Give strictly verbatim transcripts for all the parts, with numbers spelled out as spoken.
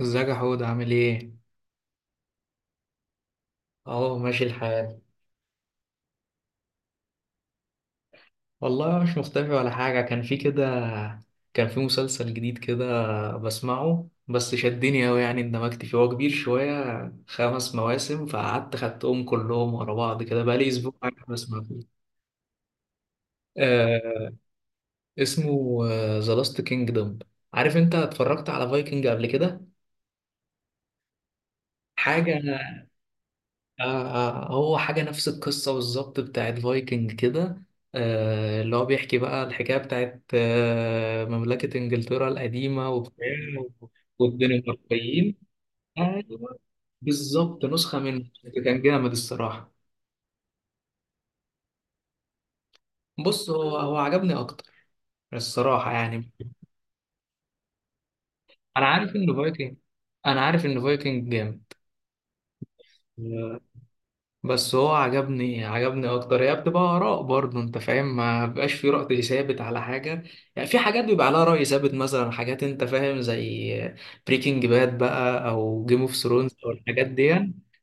ازيك يا حود عامل ايه؟ اهو ماشي الحال. والله مش مختفي ولا حاجة، كان في كده، كان في مسلسل جديد كده بسمعه، بس شدني أوي، يعني اندمجت فيه، هو كبير شوية خمس مواسم، فقعدت خدتهم كلهم ورا بعض كده، بقالي أسبوع قاعد بسمع فيه. آه، اسمه ذا لاست كينجدوم. عارف انت اتفرجت على فايكنج قبل كده؟ حاجة. آه. آه، هو حاجة نفس القصة بالظبط بتاعت فايكنج كده. آه اللي هو بيحكي بقى الحكاية بتاعت آه مملكة إنجلترا القديمة وبتاع والدنماركيين. أيوه، بالظبط نسخة منه. كان جامد الصراحة. بص، هو هو عجبني أكتر الصراحة يعني. أنا عارف إن فايكنج، أنا عارف إن فايكنج جامد، بس هو عجبني، عجبني اكتر، هي بتبقى اراء برضه، انت فاهم، ما بيبقاش في رأي ثابت على حاجه. يعني في حاجات بيبقى عليها رأي ثابت، مثلا حاجات انت فاهم زي بريكنج باد بقى او جيم اوف ثرونز او الحاجات دي.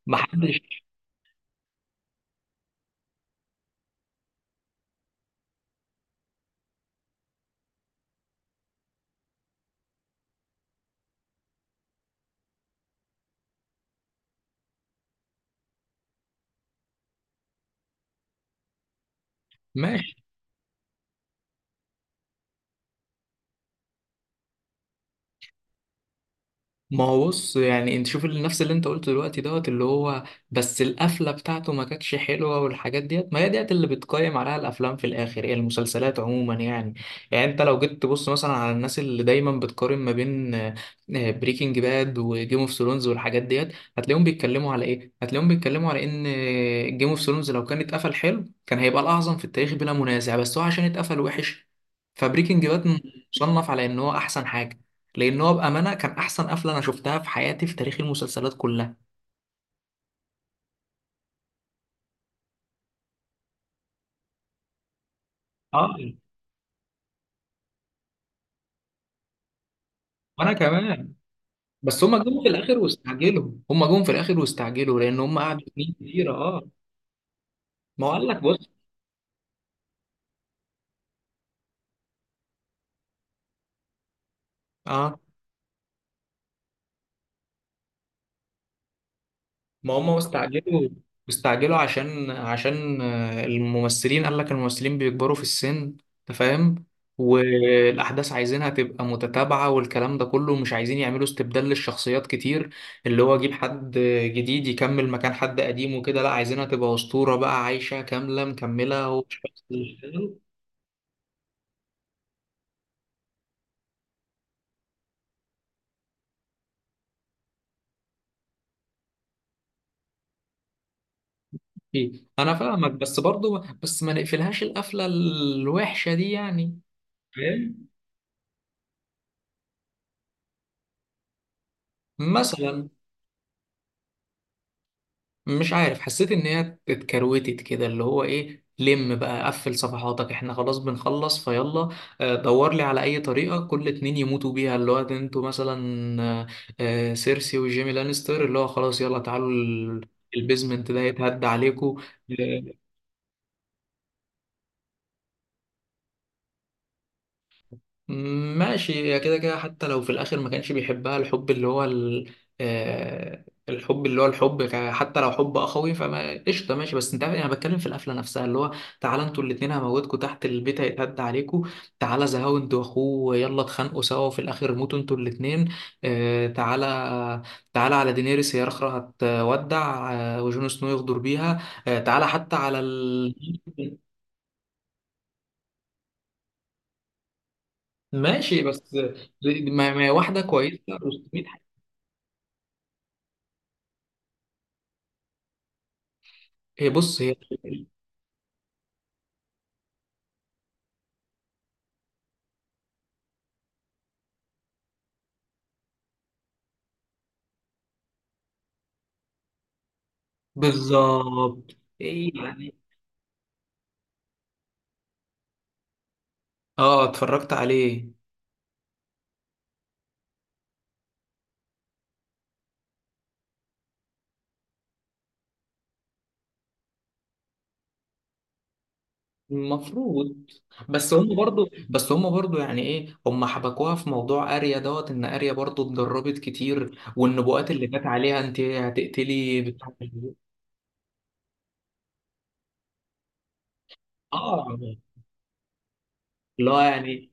ما حدش. ما هو بص، يعني انت شوف اللي- نفس اللي انت قلته دلوقتي، دوت اللي هو، بس القفله بتاعته ما كانتش حلوه، والحاجات ديت ما هي ديت اللي بتقيم عليها الافلام في الاخر، هي المسلسلات عموما يعني. يعني انت لو جيت تبص مثلا على الناس اللي دايما بتقارن ما بين بريكنج باد وجيم اوف ثرونز والحاجات ديت، هتلاقيهم بيتكلموا على ايه؟ هتلاقيهم بيتكلموا على ان جيم اوف ثرونز لو كان اتقفل حلو كان هيبقى الاعظم في التاريخ بلا منازع، بس هو عشان اتقفل وحش، فبريكنج باد مصنف على ان هو احسن حاجه، لان هو بامانه كان احسن قفله انا شفتها في حياتي في تاريخ المسلسلات كلها. اه، وانا كمان. بس هم جم في الاخر واستعجلوا، هم جم في الاخر واستعجلوا، لان هم قعدوا سنين كتيره كتير. اه. ما هو قال لك بص. اه، ما هم طب استعجلوا، استعجلوا عشان عشان آه، الممثلين، قال لك الممثلين بيكبروا في السن، انت فاهم، والاحداث عايزينها تبقى متتابعه والكلام ده كله، مش عايزين يعملوا استبدال للشخصيات كتير، اللي هو اجيب حد جديد يكمل مكان حد قديم وكده، لا عايزينها تبقى اسطوره بقى عايشه كامله مكمله، هو مش بس اللي شغال. إيه، انا فاهمك بس برضو، بس ما نقفلهاش القفله الوحشه دي يعني. فاهم، مثلا. مش عارف، حسيت ان هي اتكروتت كده اللي هو ايه، لم بقى قفل صفحاتك احنا خلاص بنخلص فيلا. آه، دور لي على اي طريقه كل اتنين يموتوا بيها اللي هو ده، انتوا مثلا آه، آه، سيرسي وجيمي لانستر اللي هو خلاص يلا تعالوا ال- البيزمنت ده يتهد عليكم. ماشي، هي كده كده حتى لو في الاخر ما كانش بيحبها الحب اللي هو ال... آه، الحب اللي هو الحب ك- حتى لو حب اخوي، فما قشطه ماشي، بس انت عارف انا بتكلم في القفله نفسها اللي هو: تعالى انتوا الاثنين هموتكم تحت البيت هيتهد عليكم، تعالى زهاو انت واخوه يلا اتخانقوا سوا وفي الاخر موتوا انتوا الاثنين، تعالى، تعالى على دينيريس هي اخرى هتودع آه، وجون سنو يغدر بيها، آه، تعالى حتى على ال... ماشي بس. ما ما هي واحده كويسه تلتمية. هي بص هي. بالظبط ايه يعني. اه، اتفرجت عليه. المفروض. بس هم برضو، بس هم برضو يعني ايه، هم حبكوها في موضوع اريا، دوت ان اريا برضو اتدربت كتير والنبوءات اللي جت عليها انت هتقتلي بتاع. اه. لا يعني.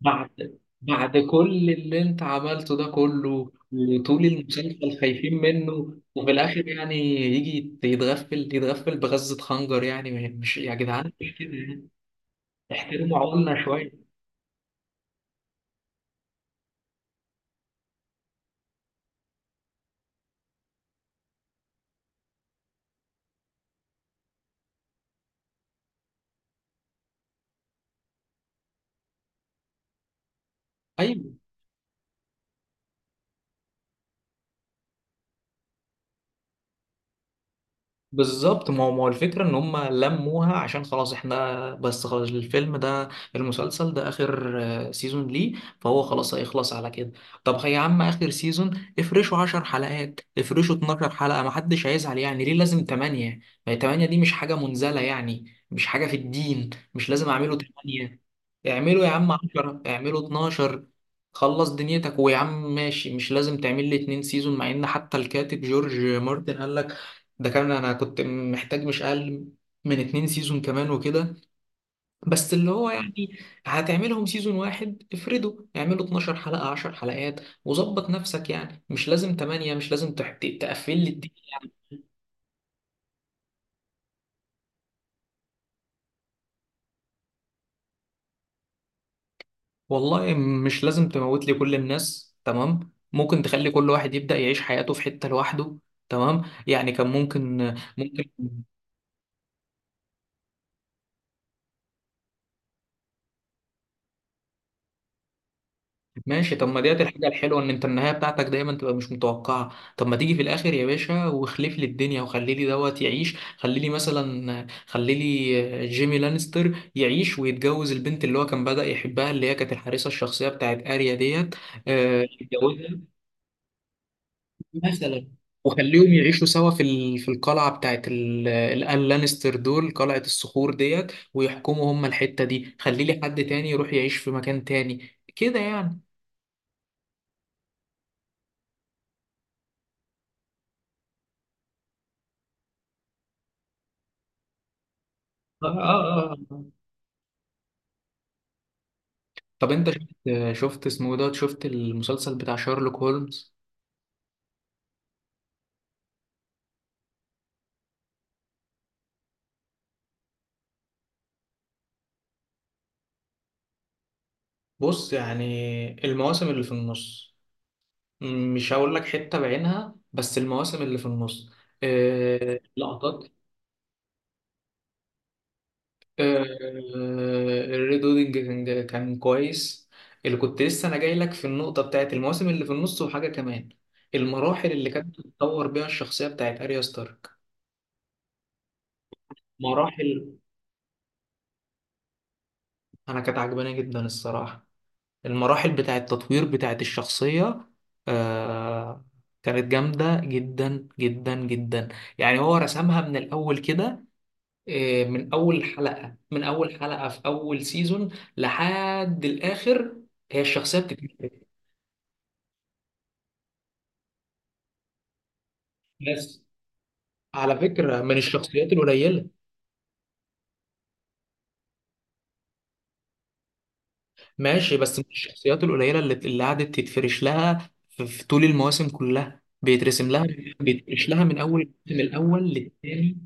بعد بعد كل اللي انت عملته ده كله وطول المسلسل خايفين منه، وفي الاخر يعني يجي يتغفل، يتغفل بغزة خنجر، يعني مش يا جدعان مش كده يعني. احترموا عقولنا شوية. أيوة بالظبط، ما هو ما هو الفكرة ان هم لموها عشان خلاص احنا، بس خلاص، الفيلم ده، المسلسل ده اخر آه، سيزون ليه، فهو خلاص هيخلص على كده. طب يا عم اخر سيزون افرشوا 10 حلقات، افرشوا 12 حلقة، ما حدش هيزعل، يعني ليه لازم ثمانية؟ ما هي ثمانية دي مش حاجة منزلة، يعني مش حاجة في الدين مش لازم اعمله تمنية، اعمله يا عم عشر، اعمله اتناشر، خلص دنيتك ويا عم ماشي، مش لازم تعمل لي اتنين سيزون، مع ان حتى الكاتب جورج مارتن قال ده، كان انا كنت محتاج مش اقل من اتنين سيزون كمان وكده، بس اللي هو يعني هتعملهم سيزون واحد افرده اعمله 12 حلقة، 10 حلقات وظبط نفسك، يعني مش لازم تمنية، مش لازم تحت- تقفل لي الدنيا. والله مش لازم تموت لي كل الناس، تمام، ممكن تخلي كل واحد يبدأ يعيش حياته في حتة لوحده، تمام، يعني كان ممكن، ممكن. ماشي، طب ما ديت الحاجة الحلوة ان انت النهاية بتاعتك دايما تبقى مش متوقعة، طب ما تيجي في الاخر يا باشا واخلف لي الدنيا، وخلي لي دوت يعيش، خلي لي مثلا خلي لي جيمي لانستر يعيش ويتجوز البنت اللي هو كان بدأ يحبها اللي هي كانت الحارسة الشخصية بتاعت اريا ديت، آه، يتجوزها مثلا، وخليهم يعيشوا سوا في ال- في القلعة بتاعت ال- الآل لانستر دول، قلعة الصخور ديت، ويحكموا هم الحتة دي، خلي لي حد تاني يروح يعيش في مكان تاني كده يعني. اه اه آه. طب انت شفت، شفت اسمه ده، شفت المسلسل بتاع شارلوك هولمز. بص، يعني المواسم اللي في النص، م- مش هقول لك حتة بعينها، بس المواسم اللي في النص آه، لقطات. آه، الريد ويدنج، كان كان كويس، اللي كنت لسه انا جاي لك في النقطة بتاعت المواسم اللي في النص وحاجة كمان، المراحل اللي كانت بتتطور بيها الشخصية بتاعت اريا ستارك، مراحل. انا كانت عجباني جدا الصراحة، المراحل بتاعة التطوير بتاعة الشخصية، آه، كانت جامدة جدا جدا جدا، يعني هو رسمها من الأول كده، آه، من أول حلقة، من أول حلقة في أول سيزون لحد الآخر، هي الشخصية بتتكلم، بس على فكرة من الشخصيات القليلة. ماشي، بس من الشخصيات القليلة اللي اللي قعدت تتفرش لها في في طول المواسم كلها بيترسم لها، بيترسم لها من أول الموسم الأول للتاني.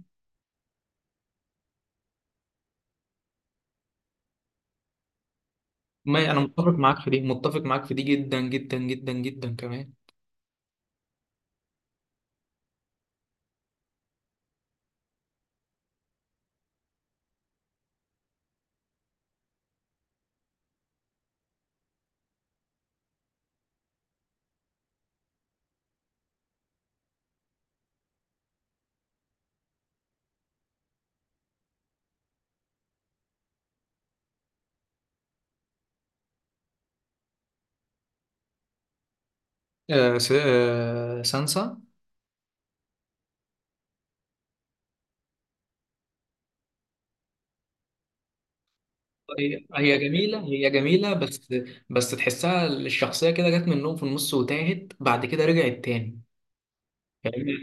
ما انا متفق معاك في دي، متفق معاك في دي جدا جدا جدا جدا كمان. آه س... آه سانسا. هي هي جميله، هي جميله بس بس تحسها الشخصيه كده جت منهم في النص وتاهت، بعد كده رجعت تاني يعني.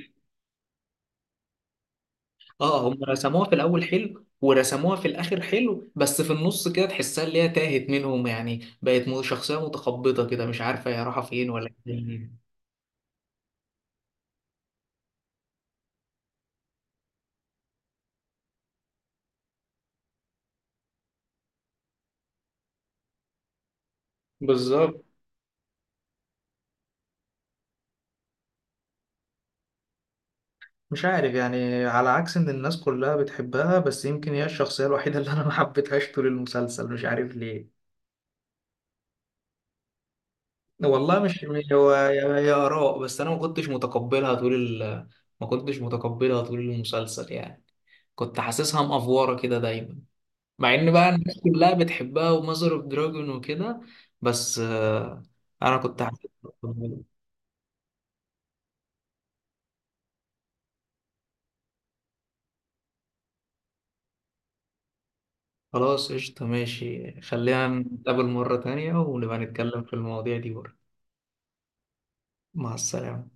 اه، هم رسموها في الاول حلو، ورسموها في الاخر حلو، بس في النص كده تحسها اللي هي تاهت منهم يعني، بقت م- شخصيه متخبطه كده، مش عارفه هي رايحه فين ولا فين. بالظبط. مش عارف يعني، على عكس ان الناس كلها بتحبها، بس يمكن هي الشخصية الوحيدة اللي انا ما حبيتهاش طول المسلسل، مش عارف ليه. والله مش، مش هو يا يا آراء، بس انا ما كنتش متقبلها طول ال... ما كنتش متقبلها طول المسلسل يعني، كنت حاسسها مأفورة كده دايما، مع ان بقى الناس كلها بتحبها، وماذر اوف دراجون وكده، بس آه، انا كنت حاسسها متقبلها. خلاص قشطة ماشي، خلينا نتقابل مرة تانية ونبقى نتكلم في المواضيع دي برضه. مع السلامة